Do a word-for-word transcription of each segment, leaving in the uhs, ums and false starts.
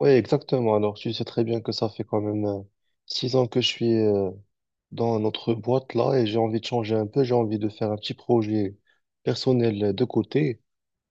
Oui, exactement. Alors, tu sais très bien que ça fait quand même euh, six ans que je suis euh, dans notre boîte là et j'ai envie de changer un peu. J'ai envie de faire un petit projet personnel euh, de côté.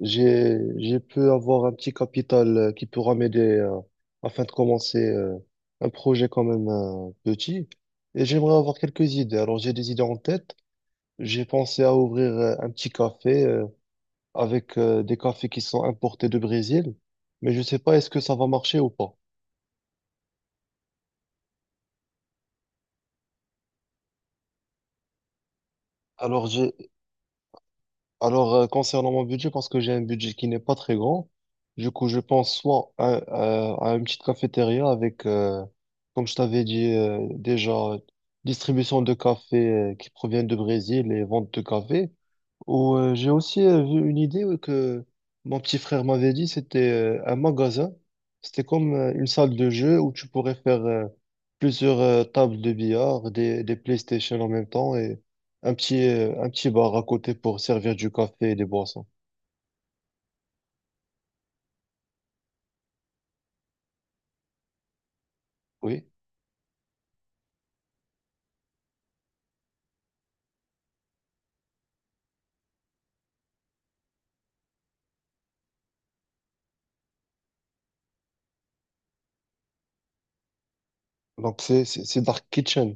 J'ai, j'ai pu avoir un petit capital euh, qui pourra m'aider euh, afin de commencer euh, un projet quand même euh, petit. Et j'aimerais avoir quelques idées. Alors, j'ai des idées en tête. J'ai pensé à ouvrir euh, un petit café euh, avec euh, des cafés qui sont importés de Brésil, mais je sais pas est-ce que ça va marcher ou pas. Alors, j'ai Alors, euh, concernant mon budget, parce que j'ai un budget qui n'est pas très grand, du coup, je pense soit à, à- à une petite cafétéria avec, euh, comme je t'avais dit euh, déjà, distribution de café euh, qui provient du Brésil et vente de café. Ou, euh, j'ai aussi euh, vu une idée euh, que mon petit frère m'avait dit, c'était euh, un magasin. C'était comme euh, une salle de jeu où tu pourrais faire euh, plusieurs euh, tables de billard, des, des PlayStation en même temps et un petit, euh, un petit bar à côté pour servir du café et des boissons. Oui. Donc c'est c'est c'est Dark Kitchen.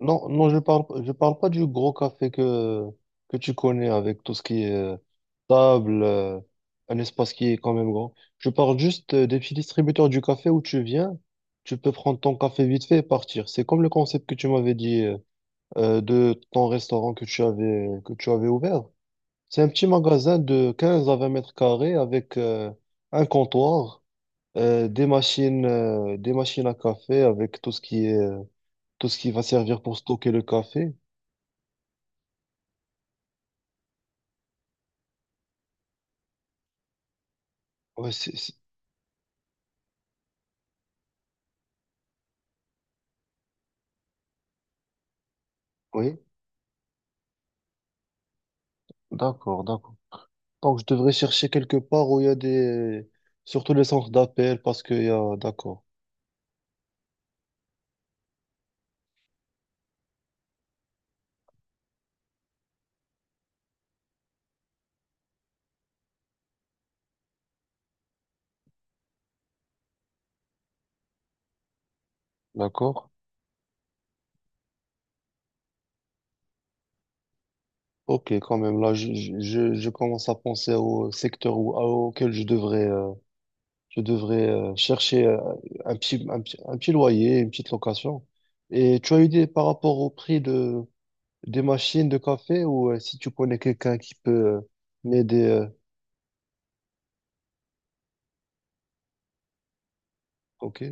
Non, non, je parle, je parle pas du gros café que, que tu connais avec tout ce qui est euh, table, euh, un espace qui est quand même grand. Je parle juste euh, des petits distributeurs du café où tu viens, tu peux prendre ton café vite fait et partir. C'est comme le concept que tu m'avais dit euh, euh, de ton restaurant que tu avais, que tu avais ouvert. C'est un petit magasin de quinze à vingt mètres carrés avec euh, un comptoir, euh, des machines, euh, des machines à café avec tout ce qui est, euh, tout ce qui va servir pour stocker le café. Ouais, c'est, c'est- oui, d'accord, d'accord. Donc, je devrais chercher quelque part où il y a des. Surtout les centres d'appel, parce qu'il y a. D'accord, d'accord. Ok, quand même, là, je, je, je je commence à penser au secteur où, à- auquel je devrais, euh, je devrais euh, chercher euh, un petit, un petit, un petit loyer, une petite location. Et tu as une idée par rapport au prix de, des machines de café ou euh, si tu connais quelqu'un qui peut euh, m'aider euh, ok,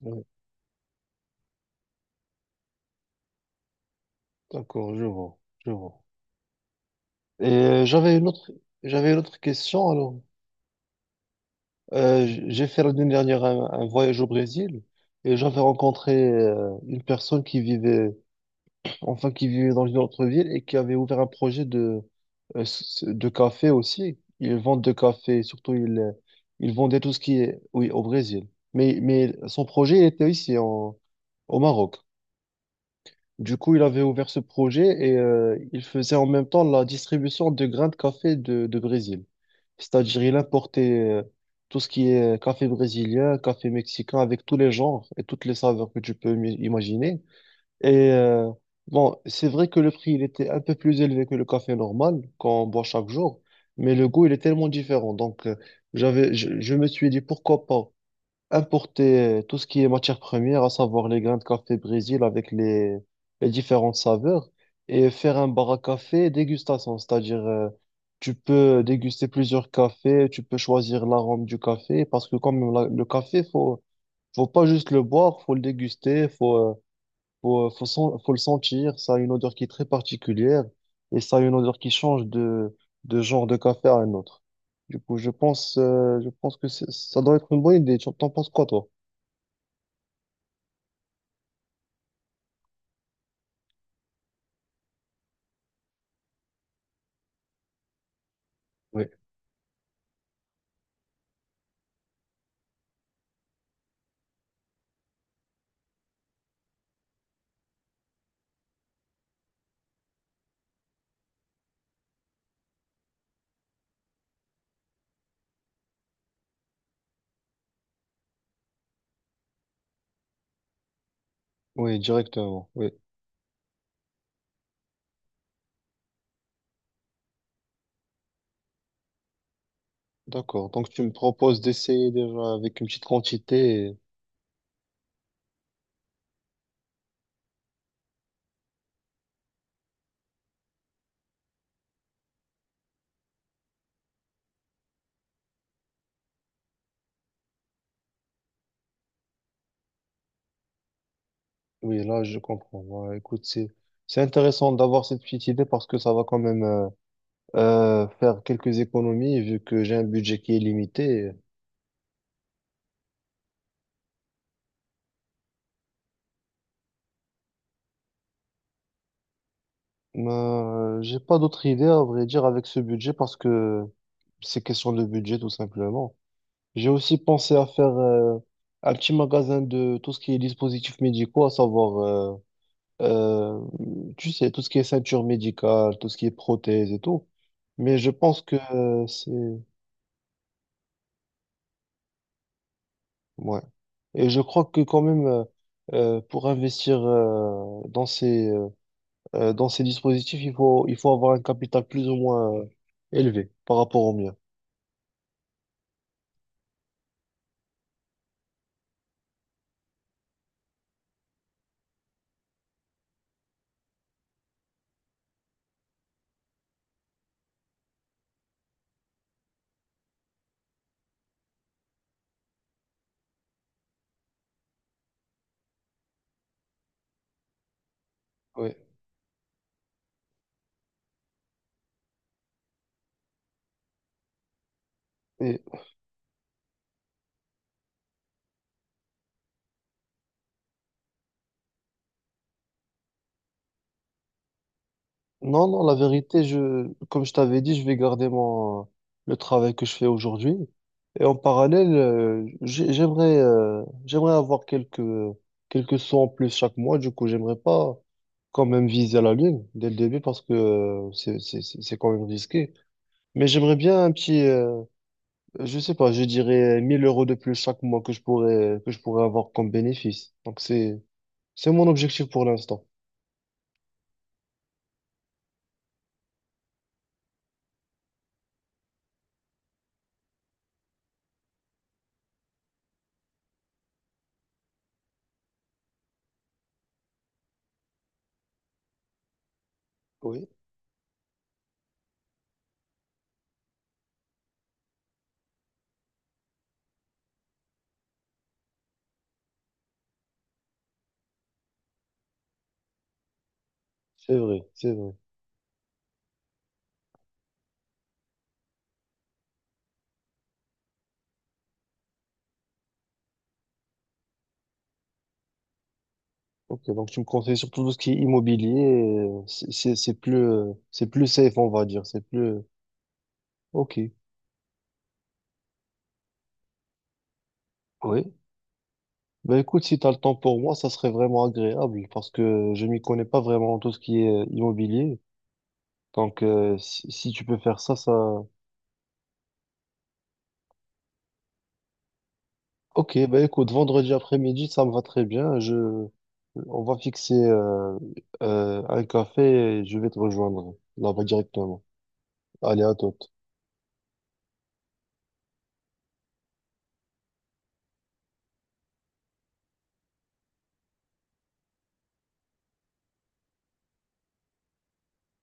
ouais, d'accord, je vois, je vois. Et euh, j'avais une autre, j'avais une autre question. Alors, Euh, j- j'ai fait l'année dernière un, un voyage au Brésil et j'avais rencontré euh, une personne qui vivait, enfin qui vivait dans une autre ville et qui avait ouvert un projet de euh, s- de café aussi. Ils vendent de café, surtout ils euh, ils vendaient tout ce qui est, oui, au Brésil. Mais mais son projet était ici en- au Maroc. Du coup, il avait ouvert ce projet et euh, il faisait en même temps la distribution de grains de café de, de Brésil. C'est-à-dire, il importait euh, tout ce qui est café brésilien, café mexicain, avec tous les genres et toutes les saveurs que tu peux mi- imaginer. Et euh, bon, c'est vrai que le prix, il était un peu plus élevé que le café normal qu'on boit chaque jour, mais le goût, il est tellement différent. Donc, euh, j'avais, je, je me suis dit, pourquoi pas importer tout ce qui est matière première, à savoir les grains de café Brésil avec les, les différentes saveurs, et faire un bar à café dégustation, c'est-à-dire euh, tu peux déguster plusieurs cafés, tu peux choisir l'arôme du café, parce que quand même la- le café, faut, faut pas juste le boire, faut le déguster, faut, euh, faut, euh, faut, sen- faut le sentir, ça a une odeur qui est très particulière, et ça a une odeur qui change de, de genre de café à un autre. Du coup, je pense, euh, je pense que c'est- ça doit être une bonne idée. Tu- T'en penses quoi, toi? Oui, oui, directement. Oui, d'accord. Donc, tu me proposes d'essayer déjà avec une petite quantité. Et- Oui, là, je comprends. Ouais, écoute, c'est, c'est intéressant d'avoir cette petite idée parce que ça va quand même euh, euh, faire quelques économies vu que j'ai un budget qui est limité. Mais euh, j'ai pas d'autre idée, à vrai dire, avec ce budget parce que c'est question de budget, tout simplement. J'ai aussi pensé à faire euh, un petit magasin de tout ce qui est dispositifs médicaux, à savoir. euh, Euh, tu sais, tout ce qui est ceinture médicale, tout ce qui est prothèse et tout. Mais je pense que euh, c'est. Ouais. Et je crois que quand même, euh, euh, pour investir euh, dans ces, euh, euh, dans ces dispositifs, il faut, il faut avoir un capital plus ou moins euh, élevé par rapport au mien. Oui. Non, non, la vérité, je, comme je t'avais dit, je vais garder mon, le travail que je fais aujourd'hui. Et en parallèle, euh, j'ai- j'aimerais, euh, j'aimerais avoir quelques, quelques sous en plus chaque mois. Du coup, j'aimerais pas quand même viser la lune dès le début parce que euh, c'est, c'est, c'est c'est quand même risqué. Mais j'aimerais bien un petit, euh, je sais pas, je dirais mille euros de plus chaque mois que je pourrais, que je pourrais avoir comme bénéfice. Donc c'est, c'est mon objectif pour l'instant. Oui, c'est vrai, c'est vrai. Ok, donc tu me conseilles surtout tout ce qui est immobilier, euh, c'est c'est- c'est plus, euh, c'est plus safe, on va dire, c'est plus. Ok, oui. Ben écoute, si tu as le temps pour moi, ça serait vraiment agréable parce que je m'y connais pas vraiment en tout ce qui est euh, immobilier. Donc euh, si, si tu peux faire ça, ça. Ok, ben écoute, vendredi après-midi, ça me va très bien. Je. On va fixer euh, euh, un café et je vais te rejoindre là-bas directement. Allez, à toi.